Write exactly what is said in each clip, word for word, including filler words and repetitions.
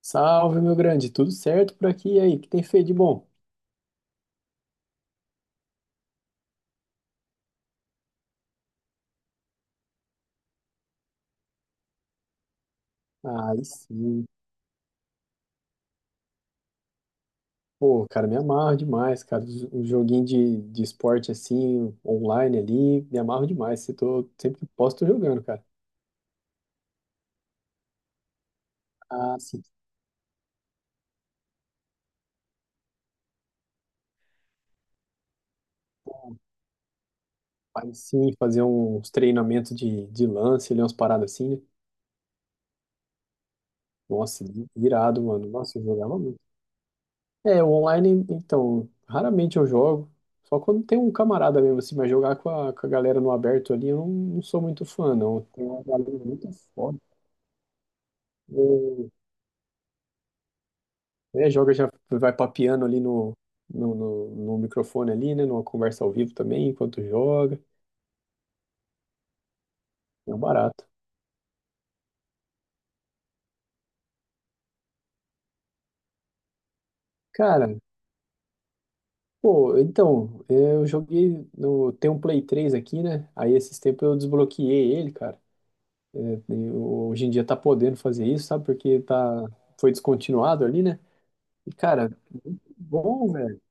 Salve, meu grande, tudo certo por aqui? E aí, o que tem feito de bom? Aí sim, pô, cara, me amarro demais, cara. Os- Um joguinho de, de esporte assim, online ali, me amarro demais. Se tô, sempre que posso, tô jogando, cara. Ah, sim, faz sim, fazer uns treinamentos de, de lance, ali, umas paradas assim, né? Nossa, irado, mano. Nossa, eu jogava muito. É, o online, então, raramente eu jogo. Só quando tem um camarada mesmo, assim, mas jogar com a, com a galera no aberto ali, eu não, não sou muito fã, não. Tem uma galera muito foda. O- né, joga já vai papeando ali no, no, no, no microfone ali, né? Numa conversa ao vivo também, enquanto joga. É um barato. Cara, pô, então, eu joguei no. Tem um Play três aqui, né? Aí esses tempos eu desbloqueei ele, cara. É, tem- hoje em dia tá podendo fazer isso, sabe? Porque tá, foi descontinuado ali, né? E, cara, muito bom, velho.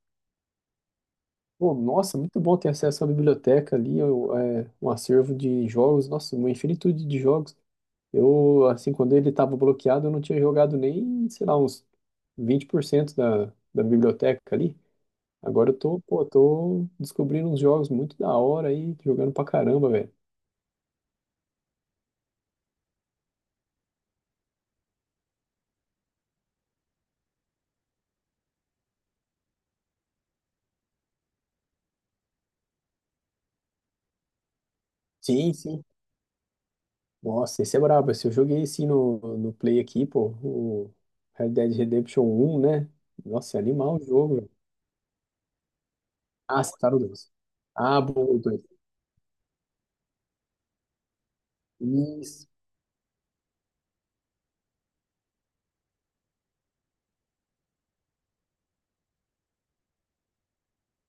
Pô, nossa, muito bom ter acesso à biblioteca ali, o- é, um acervo de jogos, nossa, uma infinitude de jogos. Eu, assim, quando ele estava bloqueado, eu não tinha jogado nem, sei lá, uns vinte por cento da, da biblioteca ali. Agora eu tô, pô, tô descobrindo uns jogos muito da hora aí, jogando pra caramba, velho. Sim, sim. Nossa, esse é brabo. Esse eu joguei assim no, no Play aqui, pô, o Red Dead Redemption um, né? Nossa, é animal o jogo, velho. Ah, você tá no dois. Ah, bom, o dois.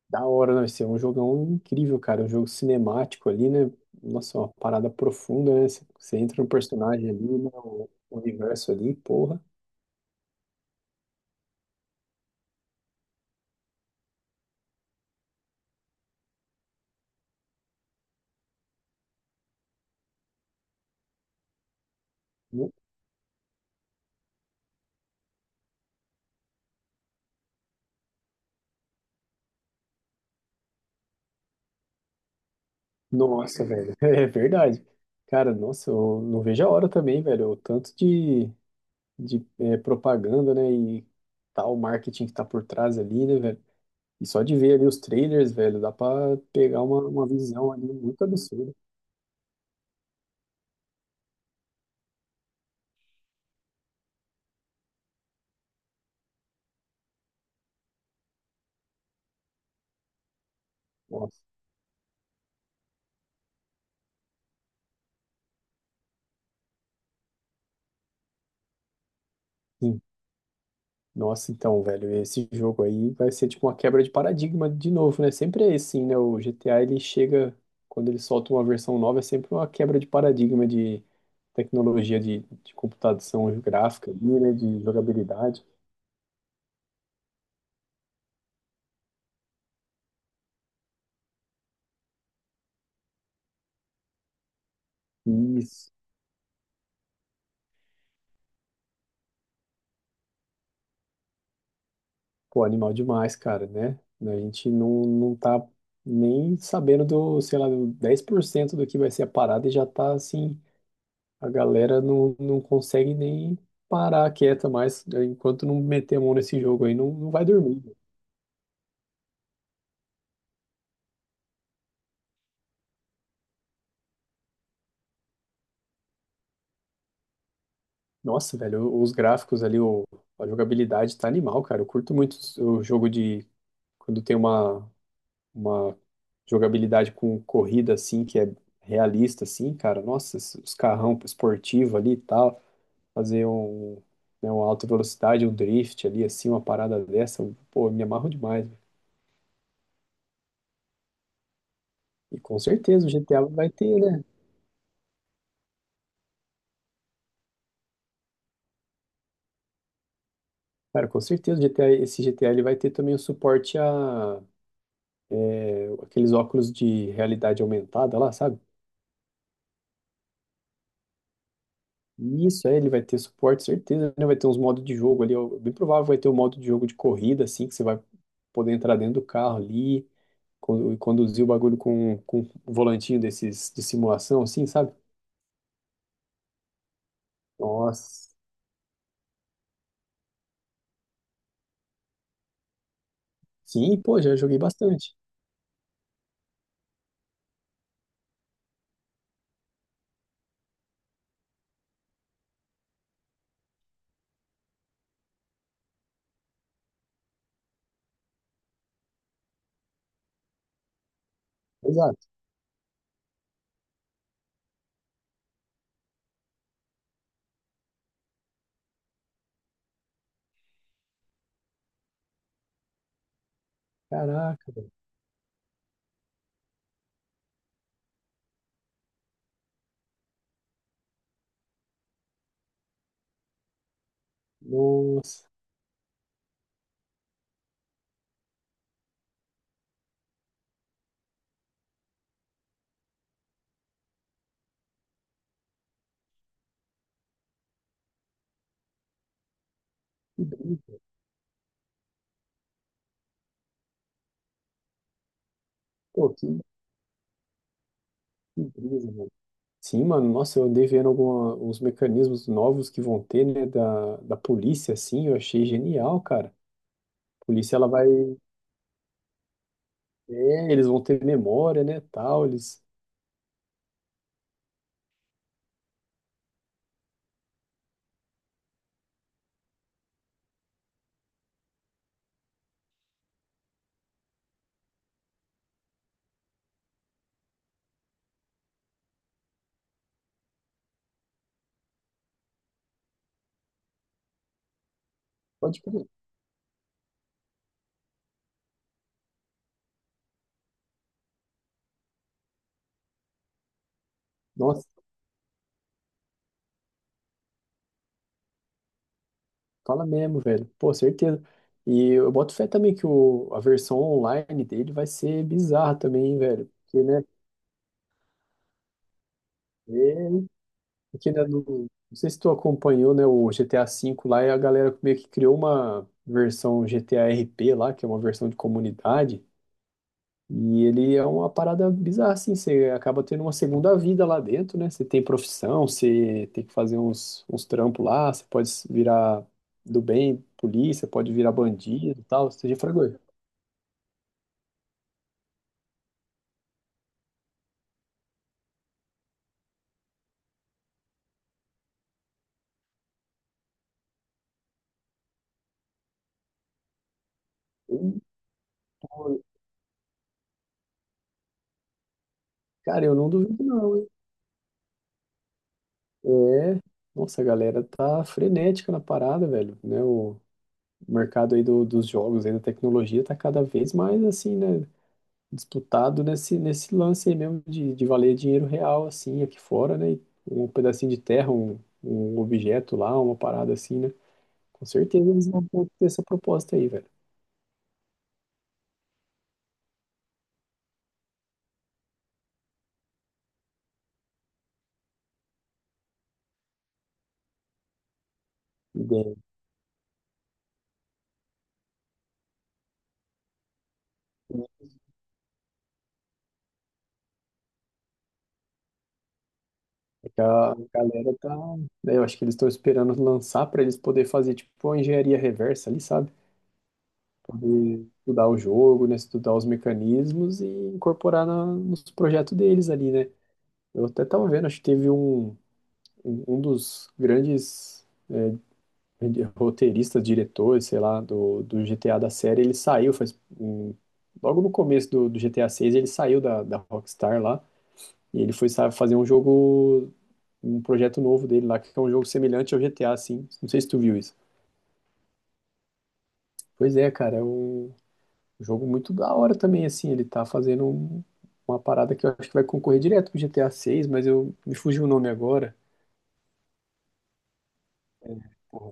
Da hora, não, esse é um jogão incrível, cara. Um jogo cinemático ali, né? Nossa, uma parada profunda, né? Você você entra no personagem ali, no universo ali, porra. No- Nossa, velho. É verdade. Cara, nossa, eu não vejo a hora também, velho. O tanto de, de eh, propaganda, né? E tal marketing que tá por trás ali, né, velho? E só de ver ali os trailers, velho, dá pra pegar uma, uma visão ali muito absurda. Nossa. Nossa, então, velho, esse jogo aí vai ser tipo uma quebra de paradigma de novo, né? Sempre é assim, né? O G T A ele chega, quando ele solta uma versão nova, é sempre uma quebra de paradigma de tecnologia de, de computação gráfica ali, né? De jogabilidade. Isso. Pô, animal demais, cara, né? A gente não, não tá nem sabendo do, sei lá, do dez por cento do que vai ser a parada e já tá assim. A galera não, não consegue nem parar quieta mais, né. Enquanto não meter a mão nesse jogo aí, não, não vai dormir. Nossa, velho, os gráficos ali, o, a jogabilidade tá animal, cara. Eu curto muito o jogo de quando tem uma, uma jogabilidade com corrida assim, que é realista, assim, cara. Nossa, os os carrão esportivo ali e tal. Fazer um, né, uma alta velocidade, um drift ali, assim, uma parada dessa. eu, Pô, eu me amarro demais, velho. E com certeza o G T A vai ter, né? Cara, com certeza, G T A, esse G GTA ele vai ter também o suporte a é, aqueles óculos de realidade aumentada lá, sabe? Isso, é, ele vai ter suporte, certeza, né? Vai ter uns modos de jogo ali, ó, bem provável vai ter um modo de jogo de corrida, assim, que você vai poder entrar dentro do carro ali con- e conduzir o bagulho com, com um volantinho desses de simulação, assim, sabe? Nossa, sim, pô, já joguei bastante. Exato. Caraca, velho. Nossa, que, bri- pô, que, que brisa, mano. Sim, mano, nossa, eu andei vendo alguma, uns mecanismos novos que vão ter, né, da, da polícia, assim, eu achei genial, cara. A polícia, ela vai, é, eles vão ter memória, né, tal, eles... Pode crer. Nossa, fala mesmo, velho. Pô, certeza. E eu boto fé também que o, a versão online dele vai ser bizarra também, hein, velho. Porque, né, é, porque, né, no- não sei se tu acompanhou, né, o G T A V lá, e a galera meio que criou uma versão G T A R P lá, que é uma versão de comunidade. E ele é uma parada bizarra, assim, você acaba tendo uma segunda vida lá dentro, né? Você tem profissão, você tem que fazer uns, uns trampos lá, você pode virar do bem, polícia, pode virar bandido e tal, você já fragou. Eu- Cara, eu não duvido não, hein? É, nossa, a galera tá frenética na parada, velho, né? O mercado aí do, dos jogos, aí da tecnologia tá cada vez mais, assim, né, disputado nesse, nesse lance aí mesmo de, de valer dinheiro real, assim, aqui fora, né? E um pedacinho de terra, um, um objeto lá, uma parada assim, né? Com certeza eles vão ter essa proposta aí, velho. E daí, é que a galera tá, né. Eu acho que eles estão esperando lançar pra eles poder fazer tipo uma engenharia reversa ali, sabe? Poder estudar o jogo, né? Estudar os mecanismos e incorporar na- nos projetos deles ali, né? Eu até tava vendo, acho que teve um, um um dos grandes roteirista, diretor, sei lá, do, do G T A da série, ele saiu faz, um- logo no começo do, do G T A seis, ele saiu da, da Rockstar lá, e ele foi sa- fazer um jogo, um projeto novo dele lá, que é um jogo semelhante ao G T A, assim, não sei se tu viu isso. Pois é, cara, é um jogo muito da hora também, assim, ele tá fazendo um- uma parada que eu acho que vai concorrer direto pro G T A seis, mas eu, me fugiu o nome agora. É, porra,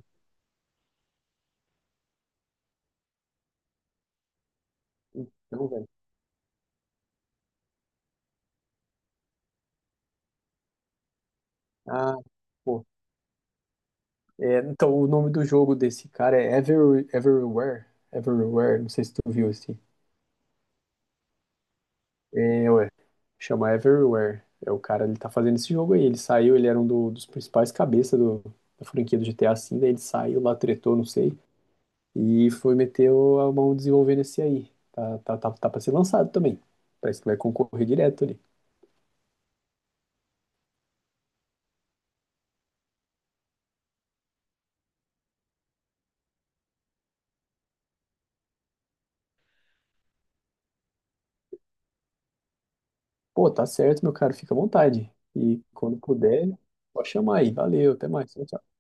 não, velho. Ah, pô, é, então, o nome do jogo desse cara é Ever, Everywhere. Everywhere, não sei se tu viu esse. É, ué. Chama Everywhere. É o cara, ele tá fazendo esse jogo aí. Ele saiu, ele era um do- dos principais cabeças do- da franquia do G T A assim. Daí ele saiu lá, tretou, não sei. E foi meter o- a mão desenvolvendo esse aí. Tá, tá, tá, tá pra ser lançado também. Parece que vai concorrer direto ali. Pô, tá certo, meu cara, fica à vontade. E quando puder, pode chamar aí. Valeu, até mais. Tchau, tchau.